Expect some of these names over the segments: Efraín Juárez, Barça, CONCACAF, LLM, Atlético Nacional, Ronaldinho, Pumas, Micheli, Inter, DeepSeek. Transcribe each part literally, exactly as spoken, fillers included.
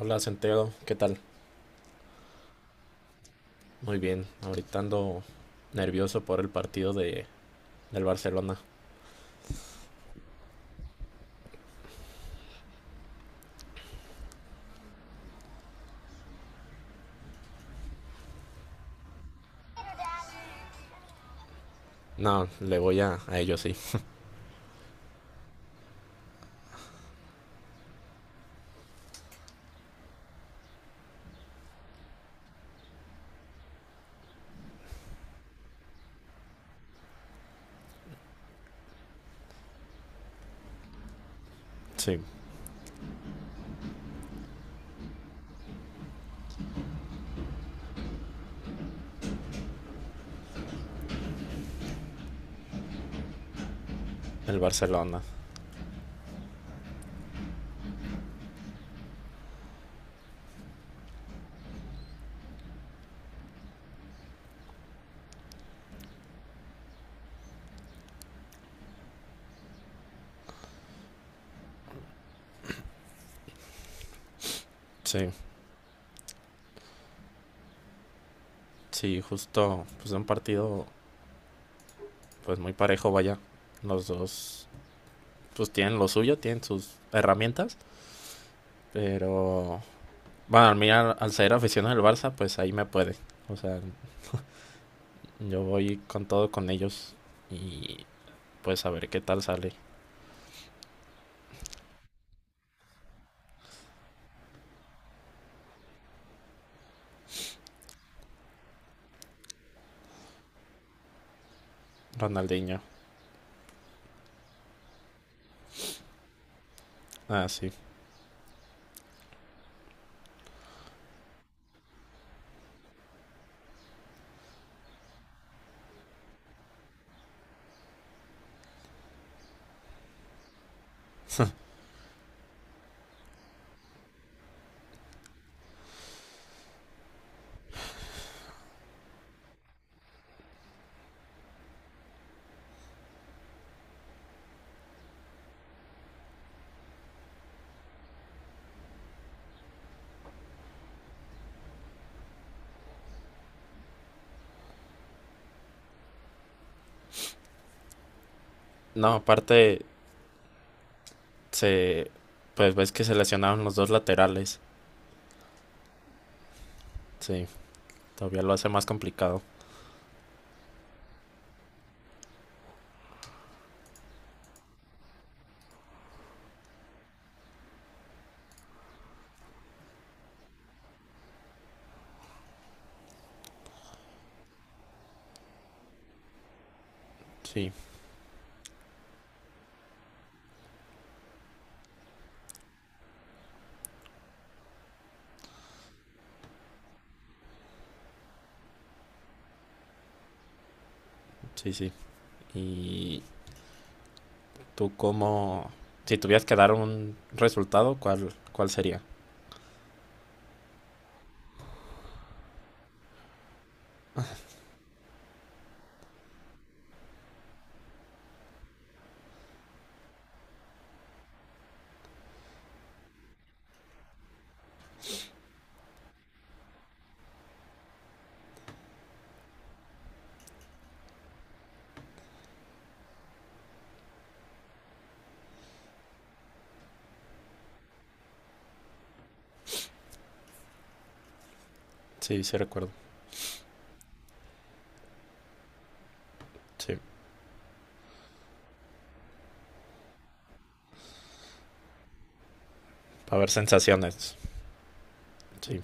Hola Centeno, ¿qué tal? Muy bien, ahorita ando nervioso por el partido de, del Barcelona. No, le voy a, a ellos, sí. Sí, el Barcelona. Sí, sí, justo, pues un partido pues muy parejo, vaya. Los dos pues tienen lo suyo, tienen sus herramientas, pero bueno, a mí al, al ser aficionado del Barça, pues ahí me puede. O sea, yo voy con todo con ellos y pues a ver qué tal sale Ronaldinho. Ah, sí. No, aparte, Se, pues ves que se lesionaron los dos laterales. Sí, todavía lo hace más complicado. Sí, sí, sí. Y tú cómo, si tuvieras que dar un resultado, ¿cuál, cuál sería? Sí, sí recuerdo. Sí, para ver sensaciones. Sí,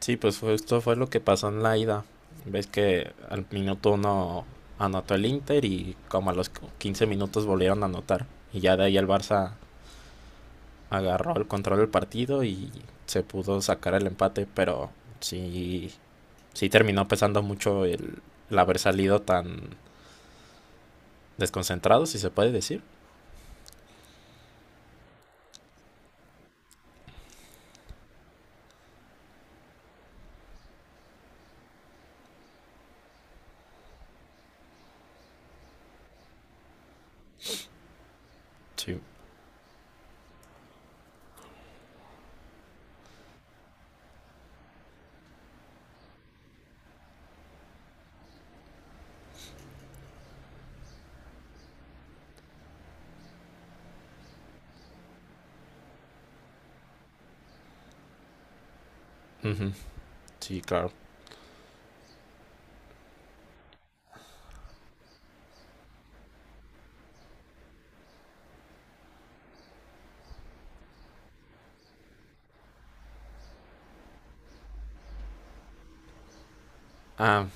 sí, pues fue- esto fue lo que pasó en la ida. Ves que al minuto uno anotó el Inter y como a los quince minutos volvieron a anotar. Y ya de ahí el Barça agarró el control del partido y se pudo sacar el empate, pero sí, sí terminó pesando mucho el, el haber salido tan desconcentrado, si se puede decir. Sí, ujú, sí, claro. Ah,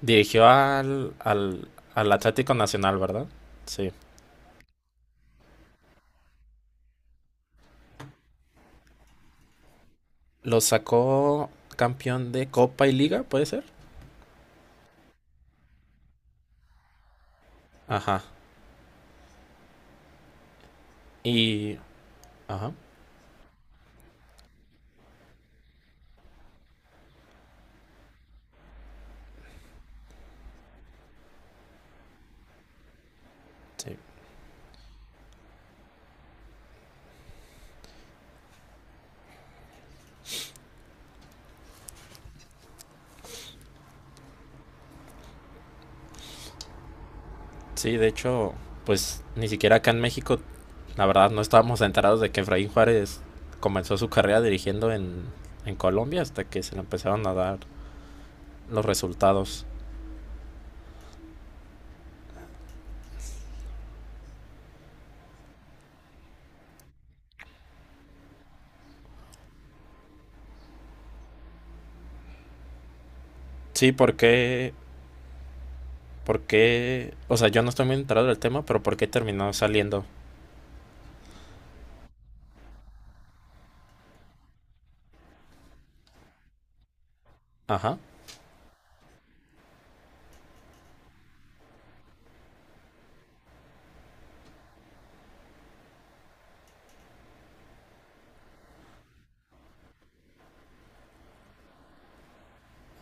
dirigió al, al, al Atlético Nacional, ¿verdad? Sí. Lo sacó campeón de Copa y Liga, ¿puede ser? Ajá. Y. Ajá. Sí. Sí, de hecho, pues ni siquiera acá en México, la verdad, no estábamos enterados de que Efraín Juárez comenzó su carrera dirigiendo en, en Colombia hasta que se le empezaron a dar los resultados. Sí, porque, porque, o sea, yo no estoy muy enterado del tema, pero ¿por qué terminó saliendo? Ajá,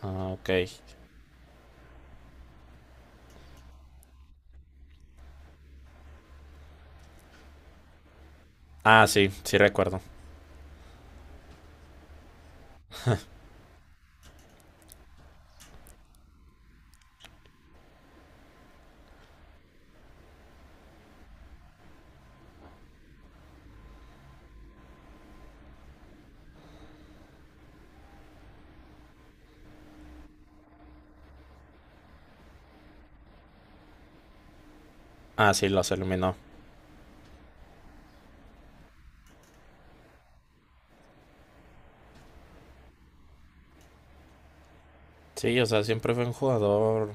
ah, ok. Ah, sí, sí recuerdo. Ah, sí, los eliminó. Sí, o sea, siempre fue un jugador,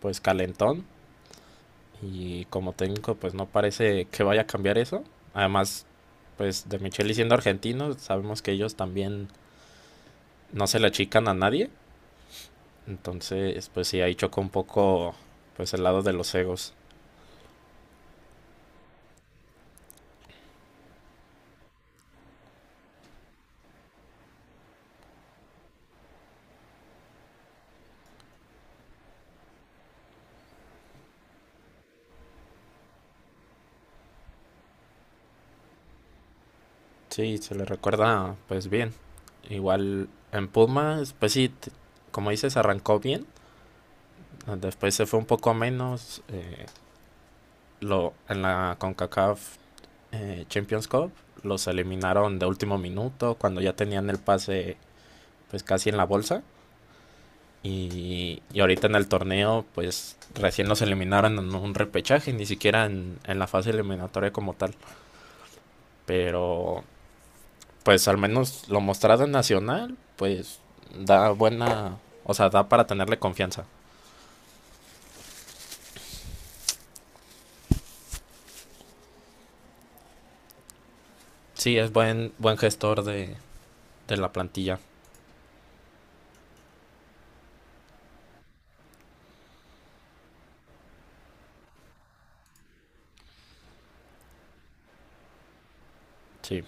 pues, calentón. Y como técnico, pues no parece que vaya a cambiar eso. Además, pues de Micheli siendo argentino, sabemos que ellos también no se le achican a nadie. Entonces, pues sí, ahí chocó un poco pues el lado de los egos. Sí, se le recuerda pues bien. Igual en Pumas, pues sí, t- como dices, arrancó bien. Después se fue un poco a menos. eh, lo, en la CONCACAF eh, Champions Cup los eliminaron de último minuto cuando ya tenían el pase pues casi en la bolsa. Y, y ahorita en el torneo, pues recién los eliminaron en un repechaje, ni siquiera en, en la fase eliminatoria como tal. Pero pues al menos lo mostrado en Nacional, pues da buena, o sea, da para tenerle confianza. Sí, es buen, buen gestor de, de la plantilla. Sí.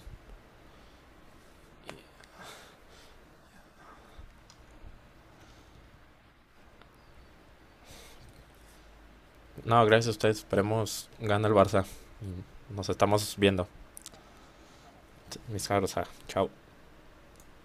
No, gracias a ustedes. Esperemos gane el Barça. Nos estamos viendo. Mis caros, ah, chao.